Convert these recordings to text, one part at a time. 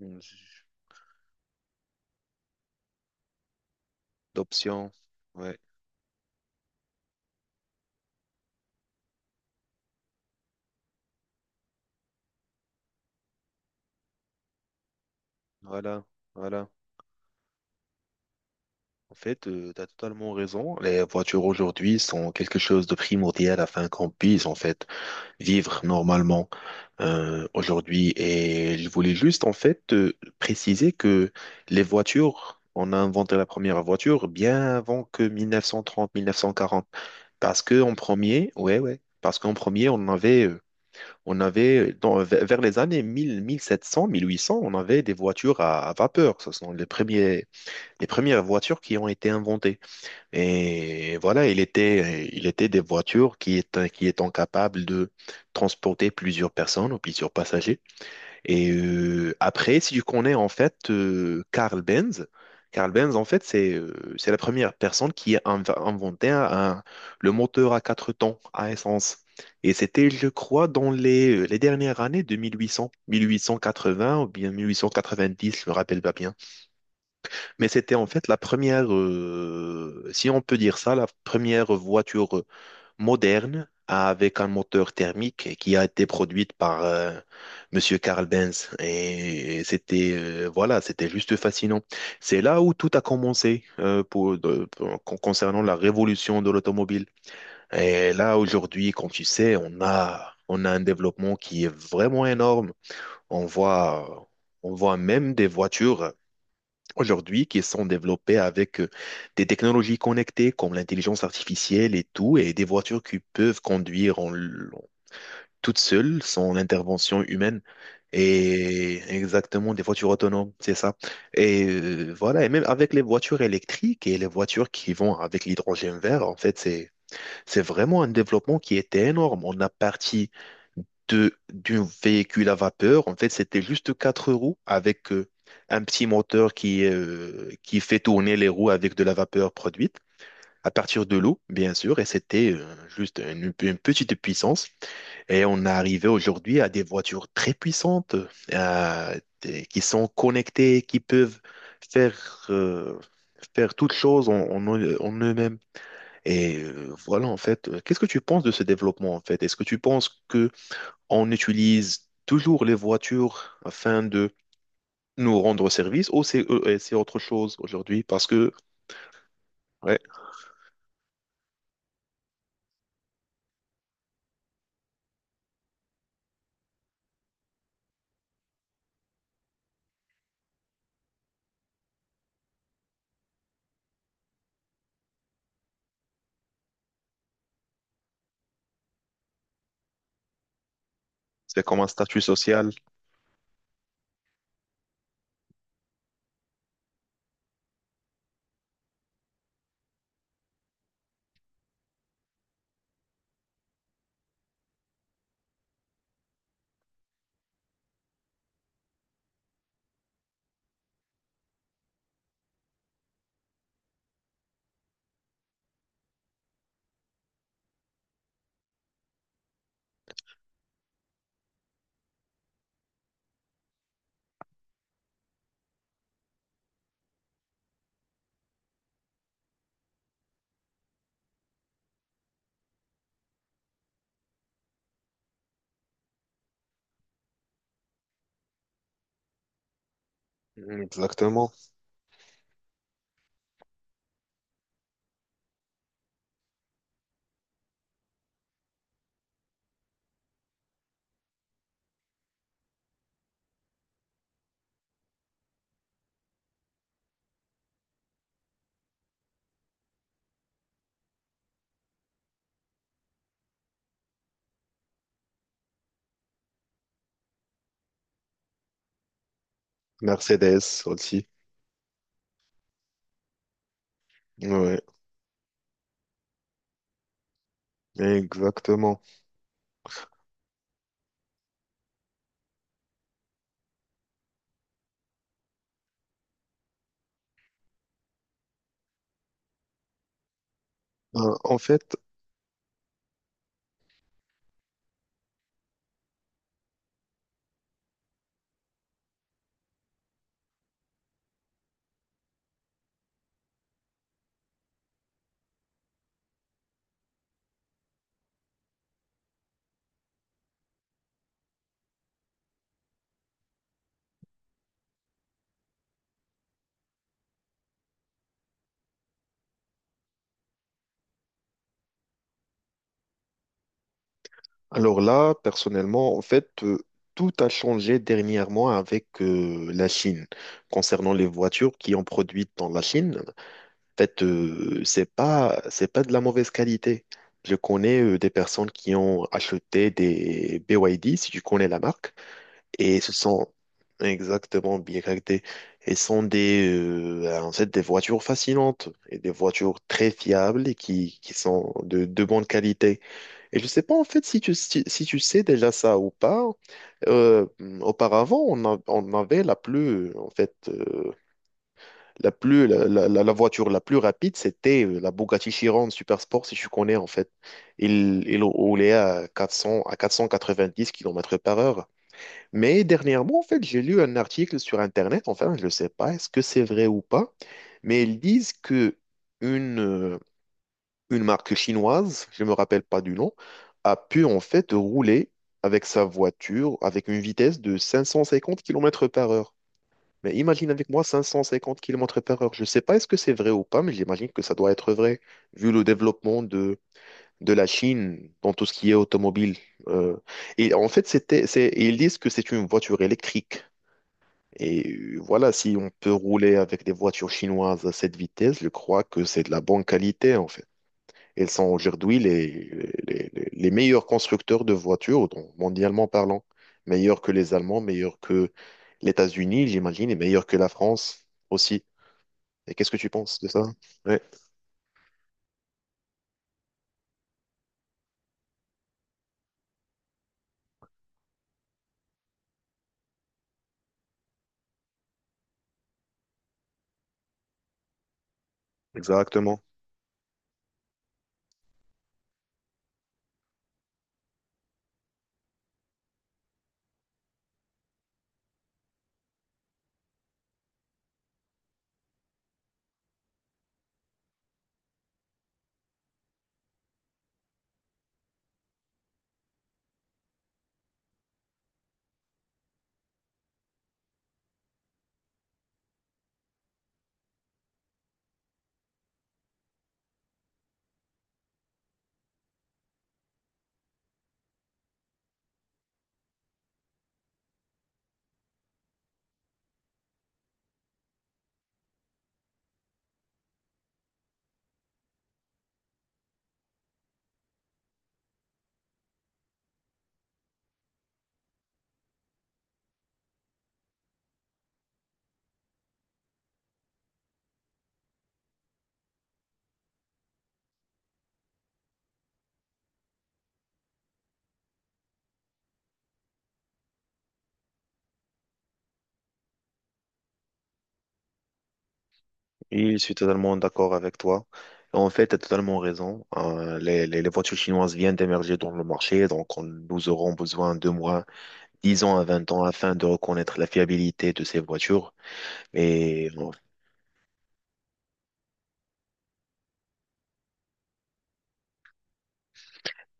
Mm. D'options. Ouais, voilà, voilà. En fait, tu as totalement raison. Les voitures aujourd'hui sont quelque chose de primordial afin qu'on puisse, en fait, vivre normalement aujourd'hui. Et je voulais juste, en fait, te préciser que les voitures, on a inventé la première voiture bien avant que 1930, 1940. Parce que en premier, Ouais, ouais, parce qu'en premier, on avait vers les années 1000, 1700, 1800, on avait des voitures à vapeur. Ce sont les premières voitures qui ont été inventées. Et voilà, il était des voitures qui étant capables de transporter plusieurs personnes ou plusieurs passagers. Et après, si tu connais en fait Carl Benz. Carl Benz en fait c'est la première personne qui a inventé le moteur à quatre temps à essence. Et c'était, je crois, dans les dernières années de 1800, 1880 ou bien 1890, je me rappelle pas bien. Mais c'était en fait si on peut dire ça, la première voiture moderne avec un moteur thermique qui a été produite par Monsieur Carl Benz. Et c'était voilà, c'était juste fascinant. C'est là où tout a commencé pour, de- pour- con- concernant la révolution de l'automobile. Et là aujourd'hui, quand tu sais, on a un développement qui est vraiment énorme. On voit on voit même des voitures aujourd'hui qui sont développées avec des technologies connectées comme l'intelligence artificielle et tout, et des voitures qui peuvent conduire toutes seules sans l'intervention humaine. Et exactement, des voitures autonomes, c'est ça. Voilà, et même avec les voitures électriques et les voitures qui vont avec l'hydrogène vert, en fait, c'est vraiment un développement qui était énorme. On a parti de d'un véhicule à vapeur. En fait, c'était juste quatre roues avec un petit moteur qui fait tourner les roues avec de la vapeur produite à partir de l'eau, bien sûr. Et c'était juste une petite puissance. Et on est arrivé aujourd'hui à des voitures très puissantes euh, qui sont connectées, qui peuvent faire, euh, faire toutes choses en eux-mêmes. Qu'est-ce que tu penses de ce développement, en fait? Est-ce que tu penses que on utilise toujours les voitures afin de nous rendre service ou c'est autre chose aujourd'hui parce que ouais, c'est comme un statut social. Exactement. Mercedes aussi. Ouais, exactement. Euh, en fait, Alors là, personnellement, en fait, tout a changé dernièrement avec la Chine. Concernant les voitures qui ont produites dans la Chine, en fait, c'est pas de la mauvaise qualité. Je connais des personnes qui ont acheté des BYD, si tu connais la marque, et ce sont exactement bien BYD. Et ce sont des, en fait, des voitures fascinantes et des voitures très fiables et qui sont de bonne qualité. Et je sais pas en fait si tu sais déjà ça ou pas. Euh, Auparavant, on avait la plus, en fait, la plus, la voiture la plus rapide, c'était la Bugatti Chiron Super Sport si tu connais en fait. Il roulait à 400, à 490 kilomètres par heure. Mais dernièrement, en fait, j'ai lu un article sur Internet, enfin, je ne sais pas, est-ce que c'est vrai ou pas, mais ils disent que une, euh, une marque chinoise, je ne me rappelle pas du nom, a pu en fait rouler avec sa voiture avec une vitesse de 550 km par heure. Mais imagine avec moi 550 km par heure. Je ne sais pas est-ce que c'est vrai ou pas, mais j'imagine que ça doit être vrai, vu le développement de la Chine dans tout ce qui est automobile. Euh, et en fait, et ils disent que c'est une voiture électrique. Et voilà, si on peut rouler avec des voitures chinoises à cette vitesse, je crois que c'est de la bonne qualité, en fait. Ils sont aujourd'hui les meilleurs constructeurs de voitures, donc mondialement parlant. Meilleurs que les Allemands, meilleurs que les États-Unis, j'imagine, et meilleurs que la France aussi. Et qu'est-ce que tu penses de ça? Oui, exactement. Oui, je suis totalement d'accord avec toi. En fait, tu as totalement raison. Les voitures chinoises viennent d'émerger dans le marché, donc nous aurons besoin de moins 10 ans à 20 ans afin de reconnaître la fiabilité de ces voitures. Et bon,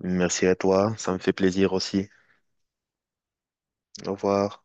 merci à toi, ça me fait plaisir aussi. Au revoir.